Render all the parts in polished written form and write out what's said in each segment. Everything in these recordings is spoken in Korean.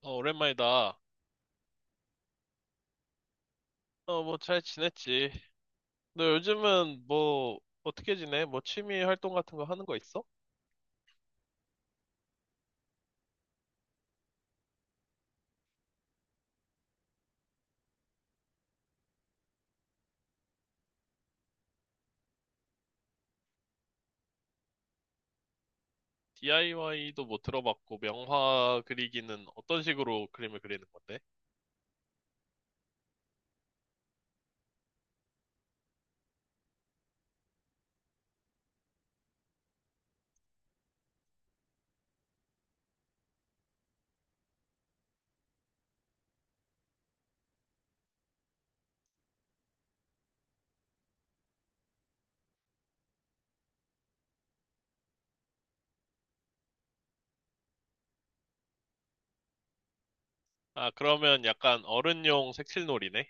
어, 오랜만이다. 어, 뭐 잘 지냈지? 너 요즘은 뭐 어떻게 지내? 뭐 취미 활동 같은 거 하는 거 있어? DIY도 뭐 들어봤고 명화 그리기는 어떤 식으로 그림을 그리는 건데? 아, 그러면 약간 어른용 색칠놀이네?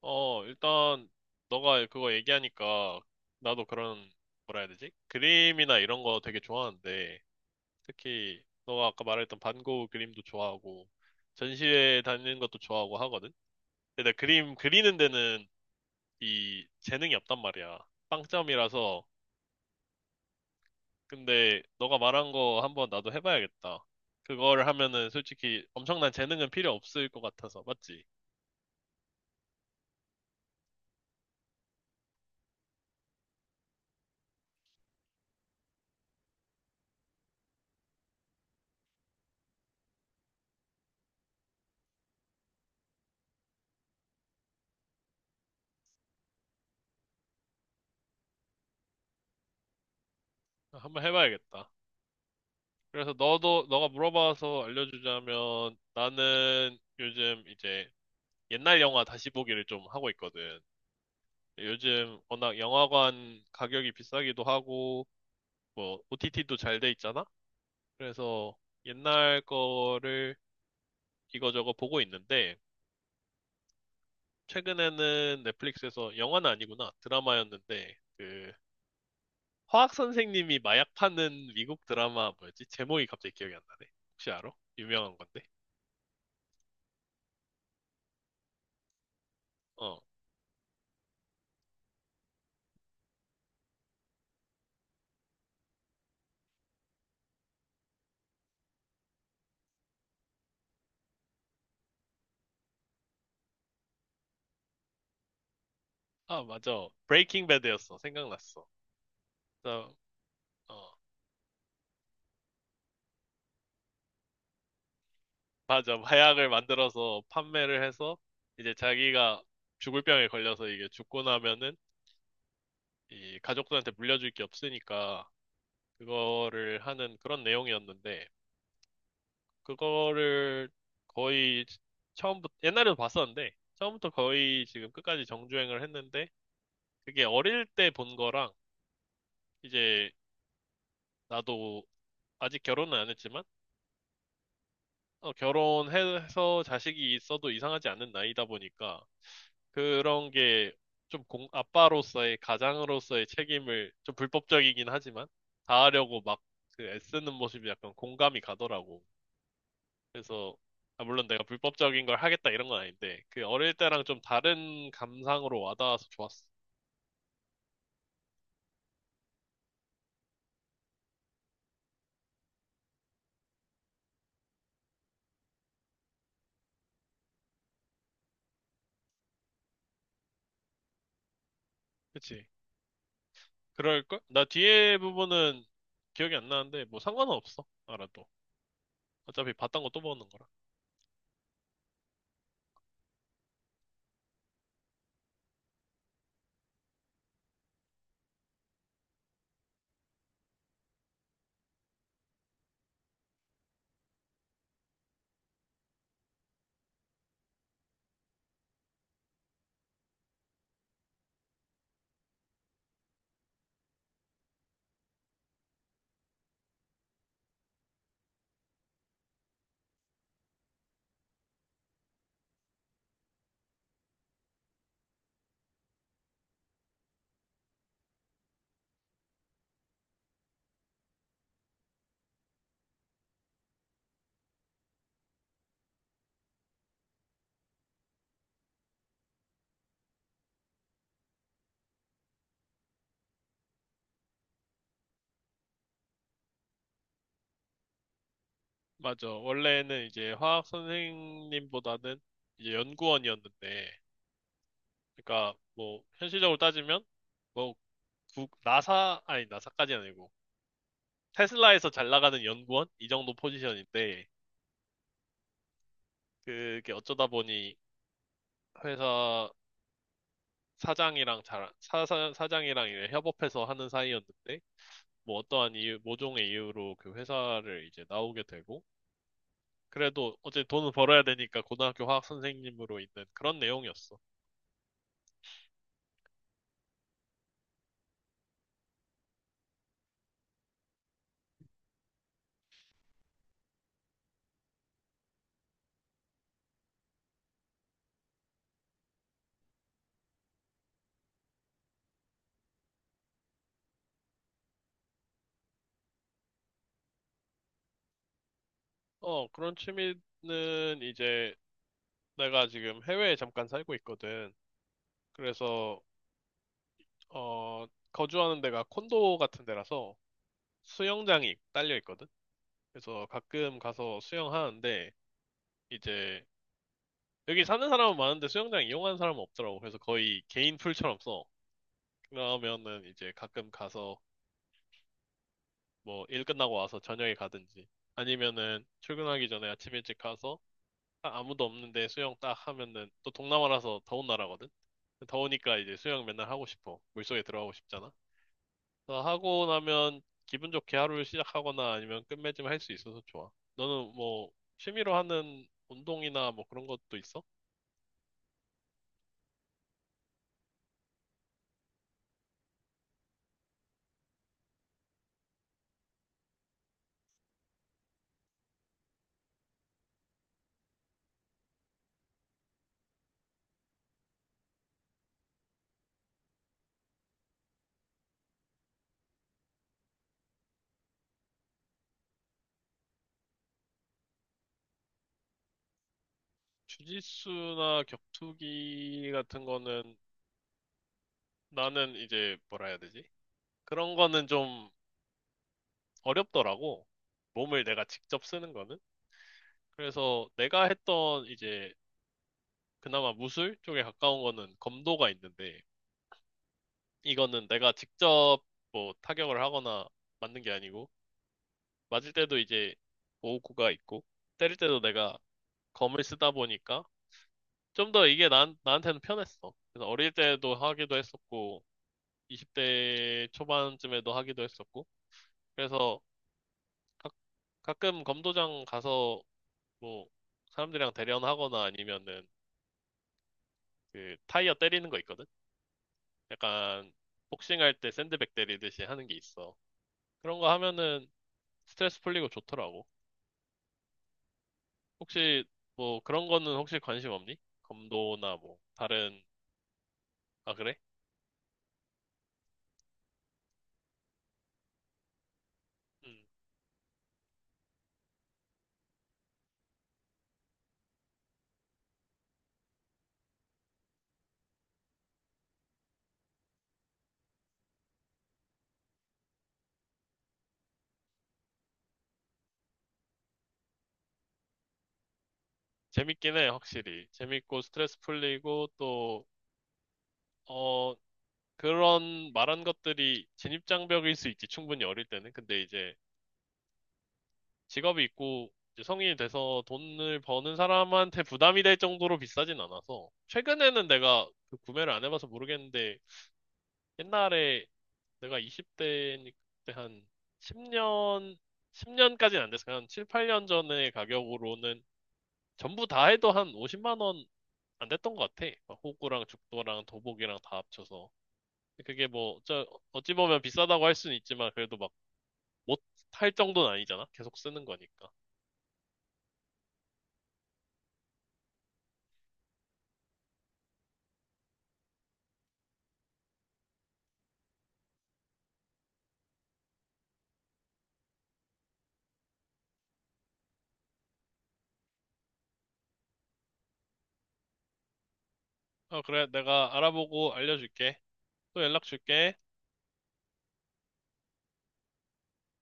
어, 일단 너가 그거 얘기하니까 나도 그런 뭐라 해야 되지? 그림이나 이런 거 되게 좋아하는데 특히 너가 아까 말했던 반 고흐 그림도 좋아하고 전시회 다니는 것도 좋아하고 하거든? 근데 나 그림 그리는 데는 이 재능이 없단 말이야. 빵점이라서. 근데 너가 말한 거 한번 나도 해봐야겠다. 그거를 하면은 솔직히 엄청난 재능은 필요 없을 것 같아서, 맞지? 한번 해봐야겠다. 그래서 너도, 너가 물어봐서 알려주자면 나는 요즘 이제 옛날 영화 다시 보기를 좀 하고 있거든. 요즘 워낙 영화관 가격이 비싸기도 하고, 뭐, OTT도 잘 돼 있잖아? 그래서 옛날 거를 이거저거 보고 있는데, 최근에는 넷플릭스에서 영화는 아니구나 드라마였는데 그 화학 선생님이 마약 파는 미국 드라마 뭐였지? 제목이 갑자기 기억이 안 나네. 혹시 알아? 유명한 건데. 어. 아, 맞아. 브레이킹 배드였어. 생각났어. 그래서, 어. 맞아. 마약을 만들어서 판매를 해서 이제 자기가 죽을 병에 걸려서 이게 죽고 나면은 이 가족들한테 물려줄 게 없으니까 그거를 하는 그런 내용이었는데 그거를 거의 처음부터, 옛날에도 봤었는데, 처음부터 거의 지금 끝까지 정주행을 했는데, 그게 어릴 때 본 거랑, 이제 나도 아직 결혼은 안 했지만, 어, 결혼해서 자식이 있어도 이상하지 않는 나이다 보니까, 그런 게 좀 공, 아빠로서의, 가장으로서의 책임을 좀 불법적이긴 하지만, 다하려고 막 그 애쓰는 모습이 약간 공감이 가더라고. 그래서 아, 물론 내가 불법적인 걸 하겠다 이런 건 아닌데 그 어릴 때랑 좀 다른 감상으로 와닿아서 좋았어. 그치? 그럴걸? 나 뒤에 부분은 기억이 안 나는데 뭐 상관은 없어. 알아도. 어차피 봤던 거 또 보는 거라. 맞아. 원래는 이제 화학 선생님보다는 이제 연구원이었는데 그러니까 뭐 현실적으로 따지면 뭐 국, 나사 아니 나사까지 아니고 테슬라에서 잘 나가는 연구원 이 정도 포지션인데 그게 어쩌다 보니 회사 사장이랑 사장이랑 이제 협업해서 하는 사이였는데, 뭐 어떠한 이유, 모종의 이유로 그 회사를 이제 나오게 되고, 그래도 어제 돈을 벌어야 되니까 고등학교 화학 선생님으로 있는 그런 내용이었어. 어, 그런 취미는 이제 내가 지금 해외에 잠깐 살고 있거든. 그래서, 어, 거주하는 데가 콘도 같은 데라서 수영장이 딸려 있거든. 그래서 가끔 가서 수영하는데, 이제 여기 사는 사람은 많은데 수영장 이용하는 사람은 없더라고. 그래서 거의 개인 풀처럼 써. 그러면은 이제 가끔 가서 뭐 일 끝나고 와서 저녁에 가든지 아니면은 출근하기 전에 아침 일찍 가서 아무도 없는데 수영 딱 하면은 또 동남아라서 더운 나라거든. 더우니까 이제 수영 맨날 하고 싶어. 물속에 들어가고 싶잖아. 그래서 하고 나면 기분 좋게 하루를 시작하거나 아니면 끝맺음 할 수 있어서 좋아. 너는 뭐 취미로 하는 운동이나 뭐 그런 것도 있어? 주짓수나 격투기 같은 거는 나는 이제 뭐라 해야 되지? 그런 거는 좀 어렵더라고. 몸을 내가 직접 쓰는 거는. 그래서 내가 했던 이제 그나마 무술 쪽에 가까운 거는 검도가 있는데 이거는 내가 직접 뭐 타격을 하거나 맞는 게 아니고 맞을 때도 이제 보호구가 있고 때릴 때도 내가 검을 쓰다 보니까 좀 더 이게 나한테는 편했어. 그래서 어릴 때도 하기도 했었고 20대 초반쯤에도 하기도 했었고. 그래서 가, 가끔 검도장 가서 뭐 사람들이랑 대련하거나 아니면은 그 타이어 때리는 거 있거든? 약간 복싱할 때 샌드백 때리듯이 하는 게 있어. 그런 거 하면은 스트레스 풀리고 좋더라고. 혹시 뭐 그런 거는 혹시 관심 없니? 검도나 뭐 다른, 아 그래? 음, 재밌긴 해, 확실히. 재밌고 스트레스 풀리고 또, 어, 그런 말한 것들이 진입장벽일 수 있지, 충분히 어릴 때는. 근데 이제 직업이 있고 이제 성인이 돼서 돈을 버는 사람한테 부담이 될 정도로 비싸진 않아서. 최근에는 내가 그 구매를 안 해봐서 모르겠는데 옛날에 내가 20대 때한 10년, 10년까지는 안 됐어. 한 7, 8년 전의 가격으로는 전부 다 해도 한 50만 원 안 됐던 것 같아. 막 호구랑 죽도랑 도복이랑 다 합쳐서. 그게 뭐, 어찌 보면 비싸다고 할 수는 있지만, 그래도 못 할 정도는 아니잖아. 계속 쓰는 거니까. 어, 그래. 내가 알아보고 알려줄게. 또 연락 줄게.